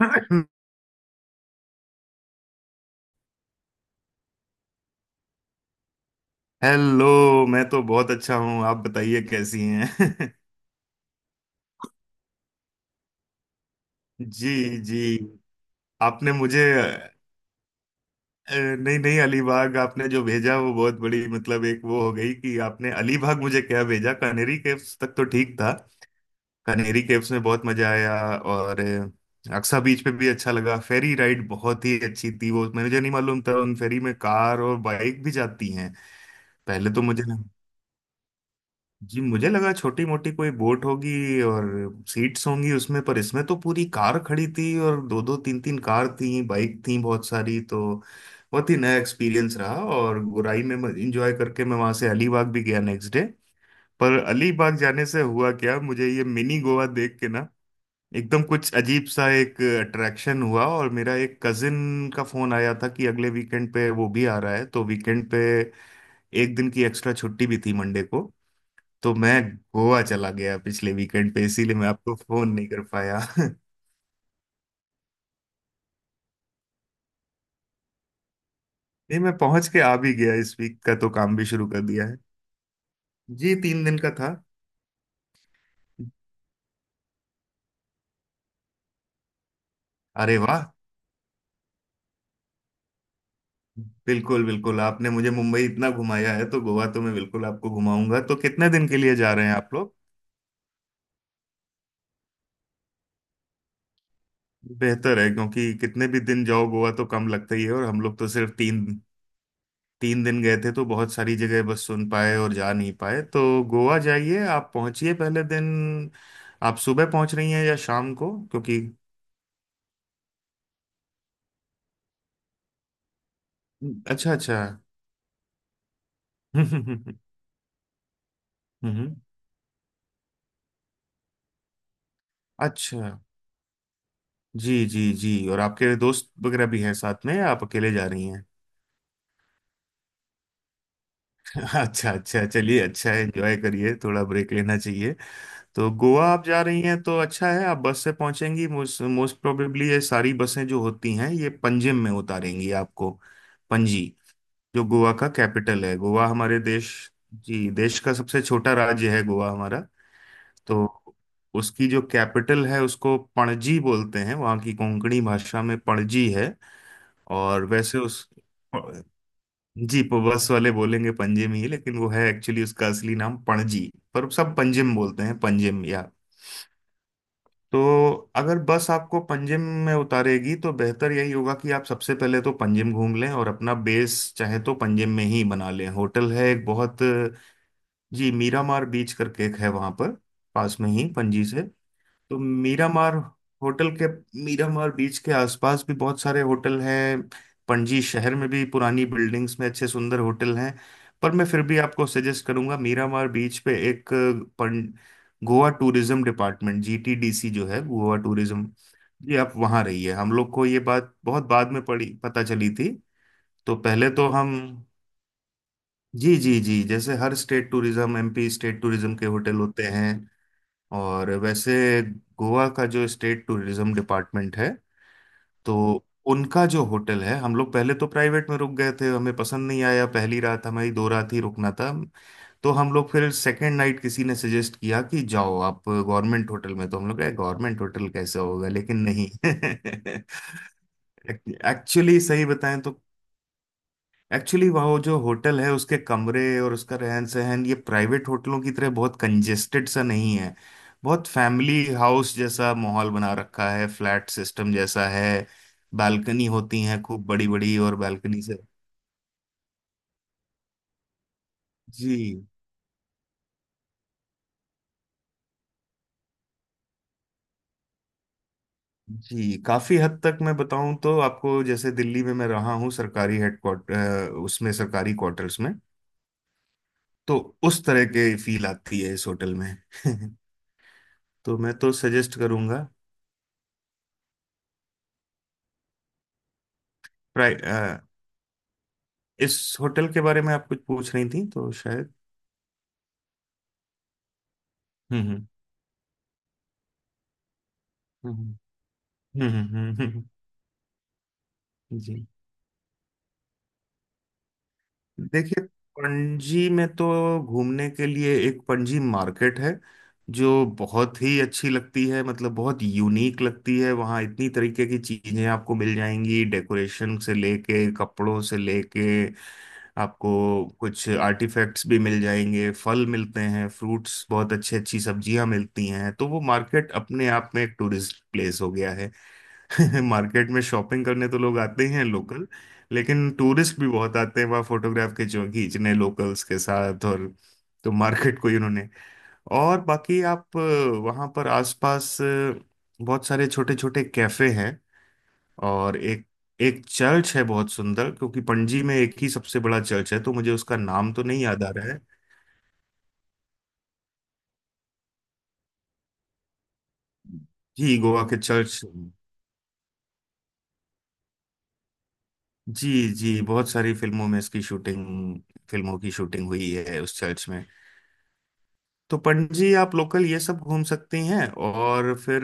Hello. मैं तो बहुत अच्छा हूँ, आप बताइए कैसी हैं। जी। जी, आपने मुझे नहीं नहीं, अलीबाग आपने जो भेजा वो बहुत बड़ी मतलब एक वो हो गई कि आपने अलीबाग मुझे क्या भेजा, कनेरी केव्स तक तो ठीक था। कनेरी केव्स में बहुत मजा आया और अक्सा बीच पे भी अच्छा लगा। फेरी राइड बहुत ही अच्छी थी, वो मुझे नहीं मालूम था उन फेरी में कार और बाइक भी जाती हैं। पहले तो मुझे जी, मुझे लगा छोटी मोटी कोई बोट होगी और सीट्स होंगी उसमें, पर इसमें तो पूरी कार खड़ी थी और दो दो तीन तीन कार थी, बाइक थी बहुत सारी। तो बहुत ही नया एक्सपीरियंस रहा और गुराई में मैं इंजॉय करके मैं वहां से अलीबाग भी गया नेक्स्ट डे। पर अलीबाग जाने से हुआ क्या, मुझे ये मिनी गोवा देख के ना एकदम कुछ अजीब सा एक अट्रैक्शन हुआ, और मेरा एक कजिन का फोन आया था कि अगले वीकेंड पे वो भी आ रहा है, तो वीकेंड पे एक दिन की एक्स्ट्रा छुट्टी भी थी मंडे को। तो मैं गोवा चला गया पिछले वीकेंड पे, इसीलिए मैं आपको फोन नहीं कर पाया। नहीं, मैं पहुंच के आ भी गया, इस वीक का तो काम भी शुरू कर दिया है। जी, तीन दिन का था। अरे वाह, बिल्कुल बिल्कुल, आपने मुझे मुंबई इतना घुमाया है तो गोवा तो मैं बिल्कुल आपको घुमाऊंगा। तो कितने दिन के लिए जा रहे हैं आप लोग। बेहतर है, क्योंकि कितने भी दिन जाओ गोवा तो कम लगता ही है, और हम लोग तो सिर्फ तीन तीन दिन गए थे तो बहुत सारी जगह बस सुन पाए और जा नहीं पाए। तो गोवा जाइए, आप पहुंचिए पहले दिन। आप सुबह पहुंच रही हैं या शाम को, क्योंकि अच्छा अच्छा। हम्म अच्छा, जी जी जी। और आपके दोस्त वगैरह भी हैं साथ में या आप अकेले जा रही हैं। अच्छा अच्छा, चलिए अच्छा है, एंजॉय करिए, थोड़ा ब्रेक लेना चाहिए। तो गोवा आप जा रही हैं तो अच्छा है, आप बस से पहुंचेंगी, मोस्ट मोस्ट प्रोबेबली ये सारी बसें जो होती हैं ये पंजिम में उतारेंगी आपको। पणजी, जो गोवा का कैपिटल है, गोवा हमारे देश जी, देश का सबसे छोटा राज्य है गोवा हमारा। तो उसकी जो कैपिटल है उसको पणजी बोलते हैं, वहाँ की कोंकणी भाषा में पणजी है। और वैसे उस जी, बस वाले बोलेंगे पंजिम ही, लेकिन वो है एक्चुअली उसका असली नाम पणजी, पर सब पंजिम बोलते हैं, पंजिम या। तो अगर बस आपको पंजिम में उतारेगी तो बेहतर यही होगा कि आप सबसे पहले तो पंजिम घूम लें और अपना बेस चाहे तो पंजिम में ही बना लें। होटल है एक बहुत जी, मीरामार बीच करके एक है वहां पर, पास में ही पणजी से। तो मीरामार होटल के मीरामार बीच के आसपास भी बहुत सारे होटल हैं, पणजी शहर में भी पुरानी बिल्डिंग्स में अच्छे सुंदर होटल हैं। पर मैं फिर भी आपको सजेस्ट करूंगा मीरामार बीच पे एक गोवा टूरिज्म डिपार्टमेंट, जीटीडीसी जो है गोवा टूरिज्म, ये, आप वहाँ रहिए। हम लोग को ये बात बहुत बाद में पड़ी, पता चली थी। तो पहले तो हम जी जी जी, जैसे हर state tourism, MP state tourism के होटल होते हैं। और वैसे गोवा का जो स्टेट टूरिज्म डिपार्टमेंट है, तो उनका जो होटल है, हम लोग पहले तो प्राइवेट में रुक गए थे, हमें पसंद नहीं आया पहली रात, हमारी दो रात ही रुकना था। तो हम लोग फिर सेकेंड नाइट किसी ने सजेस्ट किया कि जाओ आप गवर्नमेंट होटल में, तो हम लोग कहे गवर्नमेंट होटल कैसे होगा लेकिन नहीं। एक्चुअली सही बताएं तो, एक्चुअली वो जो होटल है उसके कमरे और उसका रहन सहन ये प्राइवेट होटलों की तरह बहुत कंजेस्टेड सा नहीं है, बहुत फैमिली हाउस जैसा माहौल बना रखा है, फ्लैट सिस्टम जैसा है। बालकनी होती हैं खूब बड़ी बड़ी, और बालकनी से, जी जी, काफी हद तक मैं बताऊं तो आपको, जैसे दिल्ली में मैं रहा हूँ सरकारी हेडक्वार्टर, उसमें सरकारी क्वार्टर्स में, तो उस तरह के फील आती है इस होटल में। तो मैं तो सजेस्ट करूंगा। इस होटल के बारे में आप कुछ पूछ रही थी तो शायद। हम्म। हम्म। हम्म। जी, देखिए, पणजी में तो घूमने के लिए एक पणजी मार्केट है जो बहुत ही अच्छी लगती है, मतलब बहुत यूनिक लगती है, वहाँ इतनी तरीके की चीजें आपको मिल जाएंगी, डेकोरेशन से लेके, कपड़ों से लेके, आपको कुछ आर्टिफैक्ट्स भी मिल जाएंगे, फल मिलते हैं, फ्रूट्स, बहुत अच्छी अच्छी सब्जियां मिलती हैं। तो वो मार्केट अपने आप में एक टूरिस्ट प्लेस हो गया है। मार्केट में शॉपिंग करने तो लोग आते ही हैं लोकल, लेकिन टूरिस्ट भी बहुत आते हैं वहाँ फोटोग्राफ के जो खींचने लोकल्स के साथ। और तो मार्केट को ही उन्होंने। और बाकी आप, वहाँ पर आसपास बहुत सारे छोटे छोटे कैफे हैं। और एक एक चर्च है बहुत सुंदर, क्योंकि पणजी में एक ही सबसे बड़ा चर्च है, तो मुझे उसका नाम तो नहीं याद आ रहा है। जी, गोवा के चर्च, जी जी, बहुत सारी फिल्मों में इसकी शूटिंग, फिल्मों की शूटिंग हुई है उस चर्च में। तो पंडित जी, आप लोकल ये सब घूम सकती हैं, और फिर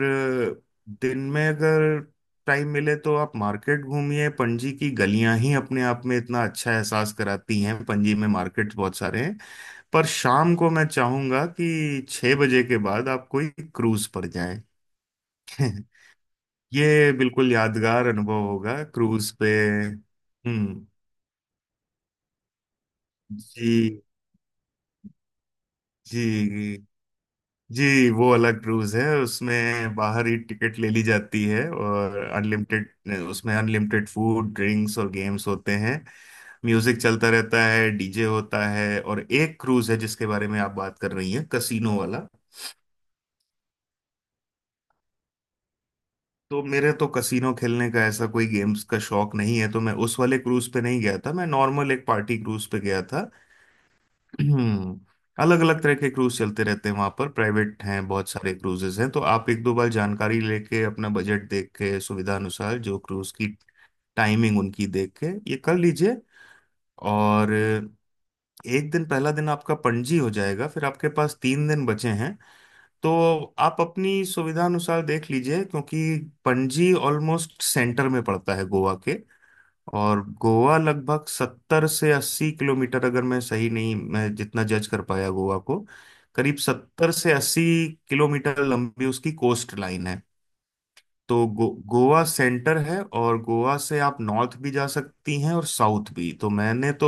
दिन में अगर टाइम मिले तो आप मार्केट घूमिए, पणजी की गलियां ही अपने आप में इतना अच्छा एहसास कराती हैं, पणजी में मार्केट्स बहुत सारे हैं। पर शाम को मैं चाहूंगा कि छह बजे के बाद आप कोई क्रूज पर जाएं। ये बिल्कुल यादगार अनुभव होगा क्रूज पे। हम्म। जी जी। जी, वो अलग क्रूज है, उसमें बाहर ही टिकट ले ली जाती है, और अनलिमिटेड, उसमें अनलिमिटेड फूड ड्रिंक्स और गेम्स होते हैं, म्यूजिक चलता रहता है, डीजे होता है। और एक क्रूज है जिसके बारे में आप बात कर रही हैं, कसीनो वाला। तो मेरे तो कसीनो खेलने का ऐसा कोई गेम्स का शौक नहीं है, तो मैं उस वाले क्रूज पे नहीं गया था, मैं नॉर्मल एक पार्टी क्रूज पे गया था। हम्म। अलग अलग तरह के क्रूज चलते रहते हैं वहां पर, प्राइवेट हैं बहुत सारे क्रूजेस हैं, तो आप एक दो बार जानकारी लेके, अपना बजट देख के, सुविधा अनुसार जो क्रूज की टाइमिंग उनकी देख के ये कर लीजिए। और एक दिन, पहला दिन आपका पणजी हो जाएगा, फिर आपके पास तीन दिन बचे हैं। तो आप अपनी सुविधा अनुसार देख लीजिए, क्योंकि पणजी ऑलमोस्ट सेंटर में पड़ता है गोवा के। और गोवा लगभग सत्तर से अस्सी किलोमीटर, अगर मैं सही नहीं, मैं जितना जज कर पाया गोवा को, करीब सत्तर से अस्सी किलोमीटर लंबी उसकी कोस्ट लाइन है। तो गोवा सेंटर है, और गोवा से आप नॉर्थ भी जा सकती हैं और साउथ भी। तो मैंने तो,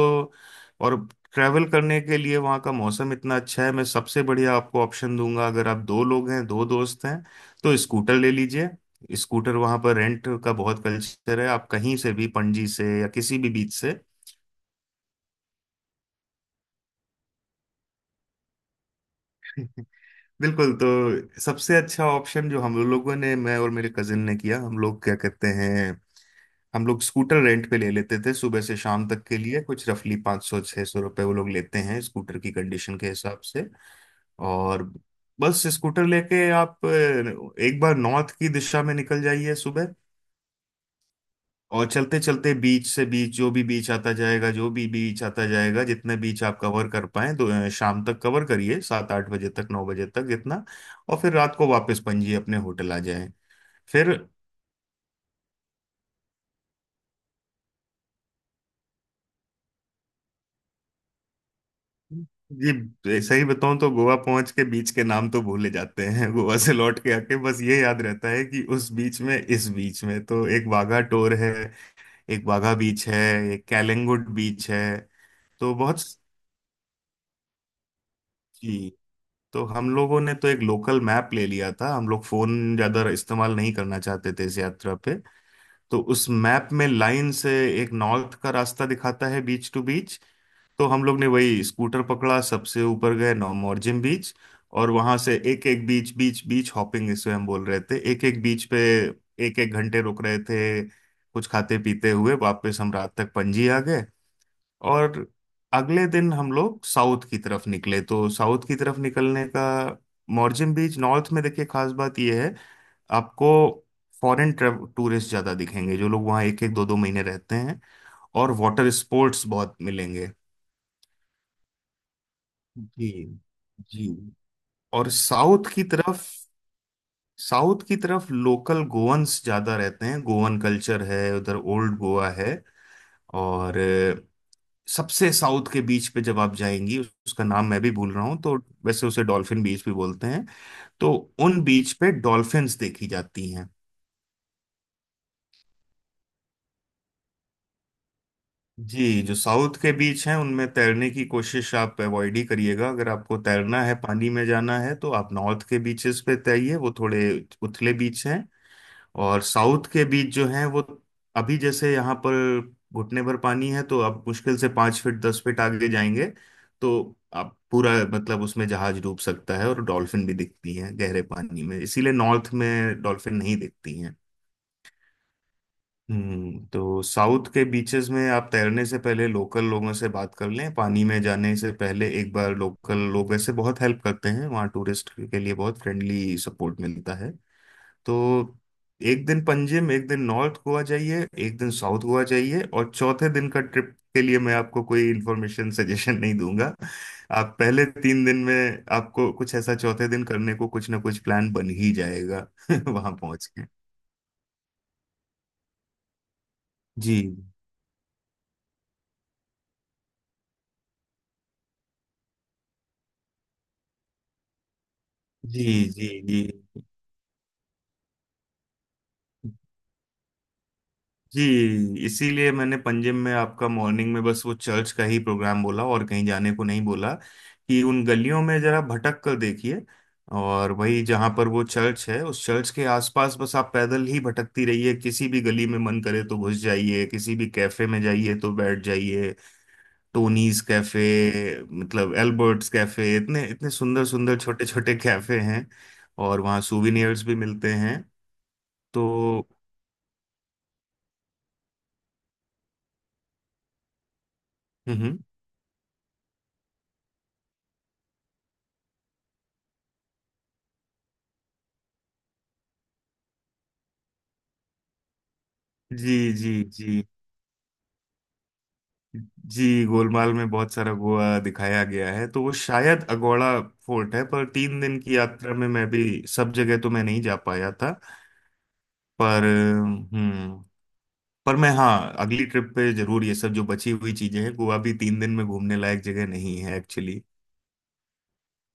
और ट्रैवल करने के लिए वहाँ का मौसम इतना अच्छा है, मैं सबसे बढ़िया आपको ऑप्शन दूंगा, अगर आप दो लोग हैं, दो दोस्त हैं, तो स्कूटर ले लीजिए। स्कूटर वहाँ पर रेंट का बहुत कल्चर है, आप कहीं से भी, पणजी से या किसी भी बीच से। बिल्कुल, तो सबसे अच्छा ऑप्शन जो हम लोगों ने, मैं और मेरे कजिन ने किया, हम लोग क्या कहते हैं, हम लोग स्कूटर रेंट पे ले लेते थे सुबह से शाम तक के लिए, कुछ रफली पाँच सौ छः सौ रुपये वो लोग लेते हैं स्कूटर की कंडीशन के हिसाब से। और बस स्कूटर लेके आप, एक बार नॉर्थ की दिशा में निकल जाइए सुबह, और चलते चलते बीच से बीच, जो भी बीच आता जाएगा, जितने बीच आप कवर कर पाए, तो शाम तक कवर करिए, सात आठ बजे तक, नौ बजे तक जितना, और फिर रात को वापस पणजी अपने होटल आ जाए। फिर जी, सही बताऊं तो गोवा पहुंच के बीच के नाम तो भूले जाते हैं। गोवा से लौट के आके बस ये याद रहता है कि उस बीच में, इस बीच में, तो एक वाघा टोर है, एक वाघा बीच है, एक कैलंगुड बीच है। तो बहुत, जी, तो हम लोगों ने तो एक लोकल मैप ले लिया था, हम लोग फोन ज्यादा इस्तेमाल नहीं करना चाहते थे इस यात्रा पे। तो उस मैप में लाइन से एक नॉर्थ का रास्ता दिखाता है, बीच टू बीच। तो हम लोग ने वही स्कूटर पकड़ा, सबसे ऊपर गए नौमोरजिम बीच, और वहां से एक एक बीच, बीच बीच हॉपिंग इसे हम बोल रहे थे, एक एक बीच पे एक एक घंटे रुक रहे थे, कुछ खाते पीते हुए वापस हम रात तक पणजी आ गए। और अगले दिन हम लोग साउथ की तरफ निकले, तो साउथ की तरफ निकलने का, मोरजिम बीच, नॉर्थ में देखिए खास बात यह है, आपको फॉरेन टूरिस्ट ज्यादा दिखेंगे, जो लोग वहाँ एक एक दो दो महीने रहते हैं, और वाटर स्पोर्ट्स बहुत मिलेंगे। जी जी। और साउथ की तरफ, साउथ की तरफ लोकल गोवंस ज्यादा रहते हैं, गोवन कल्चर है उधर, ओल्ड गोवा है। और सबसे साउथ के बीच पे जब आप जाएंगी, उसका नाम मैं भी भूल रहा हूँ तो, वैसे उसे डॉल्फिन बीच भी बोलते हैं, तो उन बीच पे डॉल्फिन्स देखी जाती हैं। जी, जो साउथ के बीच हैं उनमें तैरने की कोशिश आप अवॉइड ही करिएगा। अगर आपको तैरना है, पानी में जाना है, तो आप नॉर्थ के बीचेस पे तैरिए, वो थोड़े उथले बीच हैं। और साउथ के बीच जो है वो, अभी जैसे यहाँ पर घुटने भर पानी है तो अब मुश्किल से पाँच फीट दस फीट आगे जाएंगे, तो अब पूरा मतलब उसमें जहाज डूब सकता है, और डॉल्फिन भी दिखती हैं गहरे पानी में, इसीलिए नॉर्थ में डॉल्फिन नहीं दिखती हैं। हम्म, तो साउथ के बीचेस में आप तैरने से पहले लोकल लोगों से बात कर लें, पानी में जाने से पहले एक बार। लोकल लोग ऐसे बहुत हेल्प करते हैं वहाँ, टूरिस्ट के लिए बहुत फ्रेंडली सपोर्ट मिलता है। तो एक दिन पंजिम, एक दिन नॉर्थ गोवा जाइए, एक दिन साउथ गोवा जाइए, और चौथे दिन का ट्रिप के लिए मैं आपको कोई इन्फॉर्मेशन सजेशन नहीं दूंगा। आप पहले तीन दिन में, आपको कुछ ऐसा, चौथे दिन करने को कुछ ना कुछ प्लान बन ही जाएगा वहां पहुंच के। जी जी जी, जी जी। इसीलिए मैंने पंजिम में आपका मॉर्निंग में बस वो चर्च का ही प्रोग्राम बोला और कहीं जाने को नहीं बोला, कि उन गलियों में जरा भटक कर देखिए। और वही, जहाँ पर वो चर्च है उस चर्च के आसपास, बस आप पैदल ही भटकती रहिए, किसी भी गली में मन करे तो घुस जाइए, किसी भी कैफे में जाइए तो बैठ जाइए। टोनीज कैफे मतलब, एल्बर्ट्स कैफे, इतने इतने सुंदर सुंदर छोटे छोटे कैफे हैं, और वहाँ सूविनियर्स भी मिलते हैं। तो हम्म। हम्म। जी जी जी। जी, गोलमाल में बहुत सारा गोवा दिखाया गया है, तो वो शायद अगोड़ा फोर्ट है, पर तीन दिन की यात्रा में मैं भी सब जगह तो मैं नहीं जा पाया था। पर हम्म, पर मैं, हाँ, अगली ट्रिप पे जरूर ये सब जो बची हुई चीजें हैं, गोवा भी तीन दिन में घूमने लायक जगह नहीं है एक्चुअली।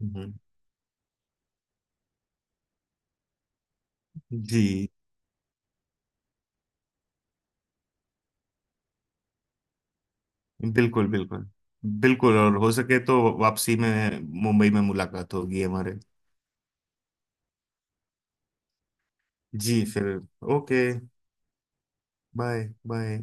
हम्म। जी, बिल्कुल बिल्कुल बिल्कुल, और हो सके तो वापसी में मुंबई में मुलाकात होगी हमारे। जी, फिर ओके, बाय बाय।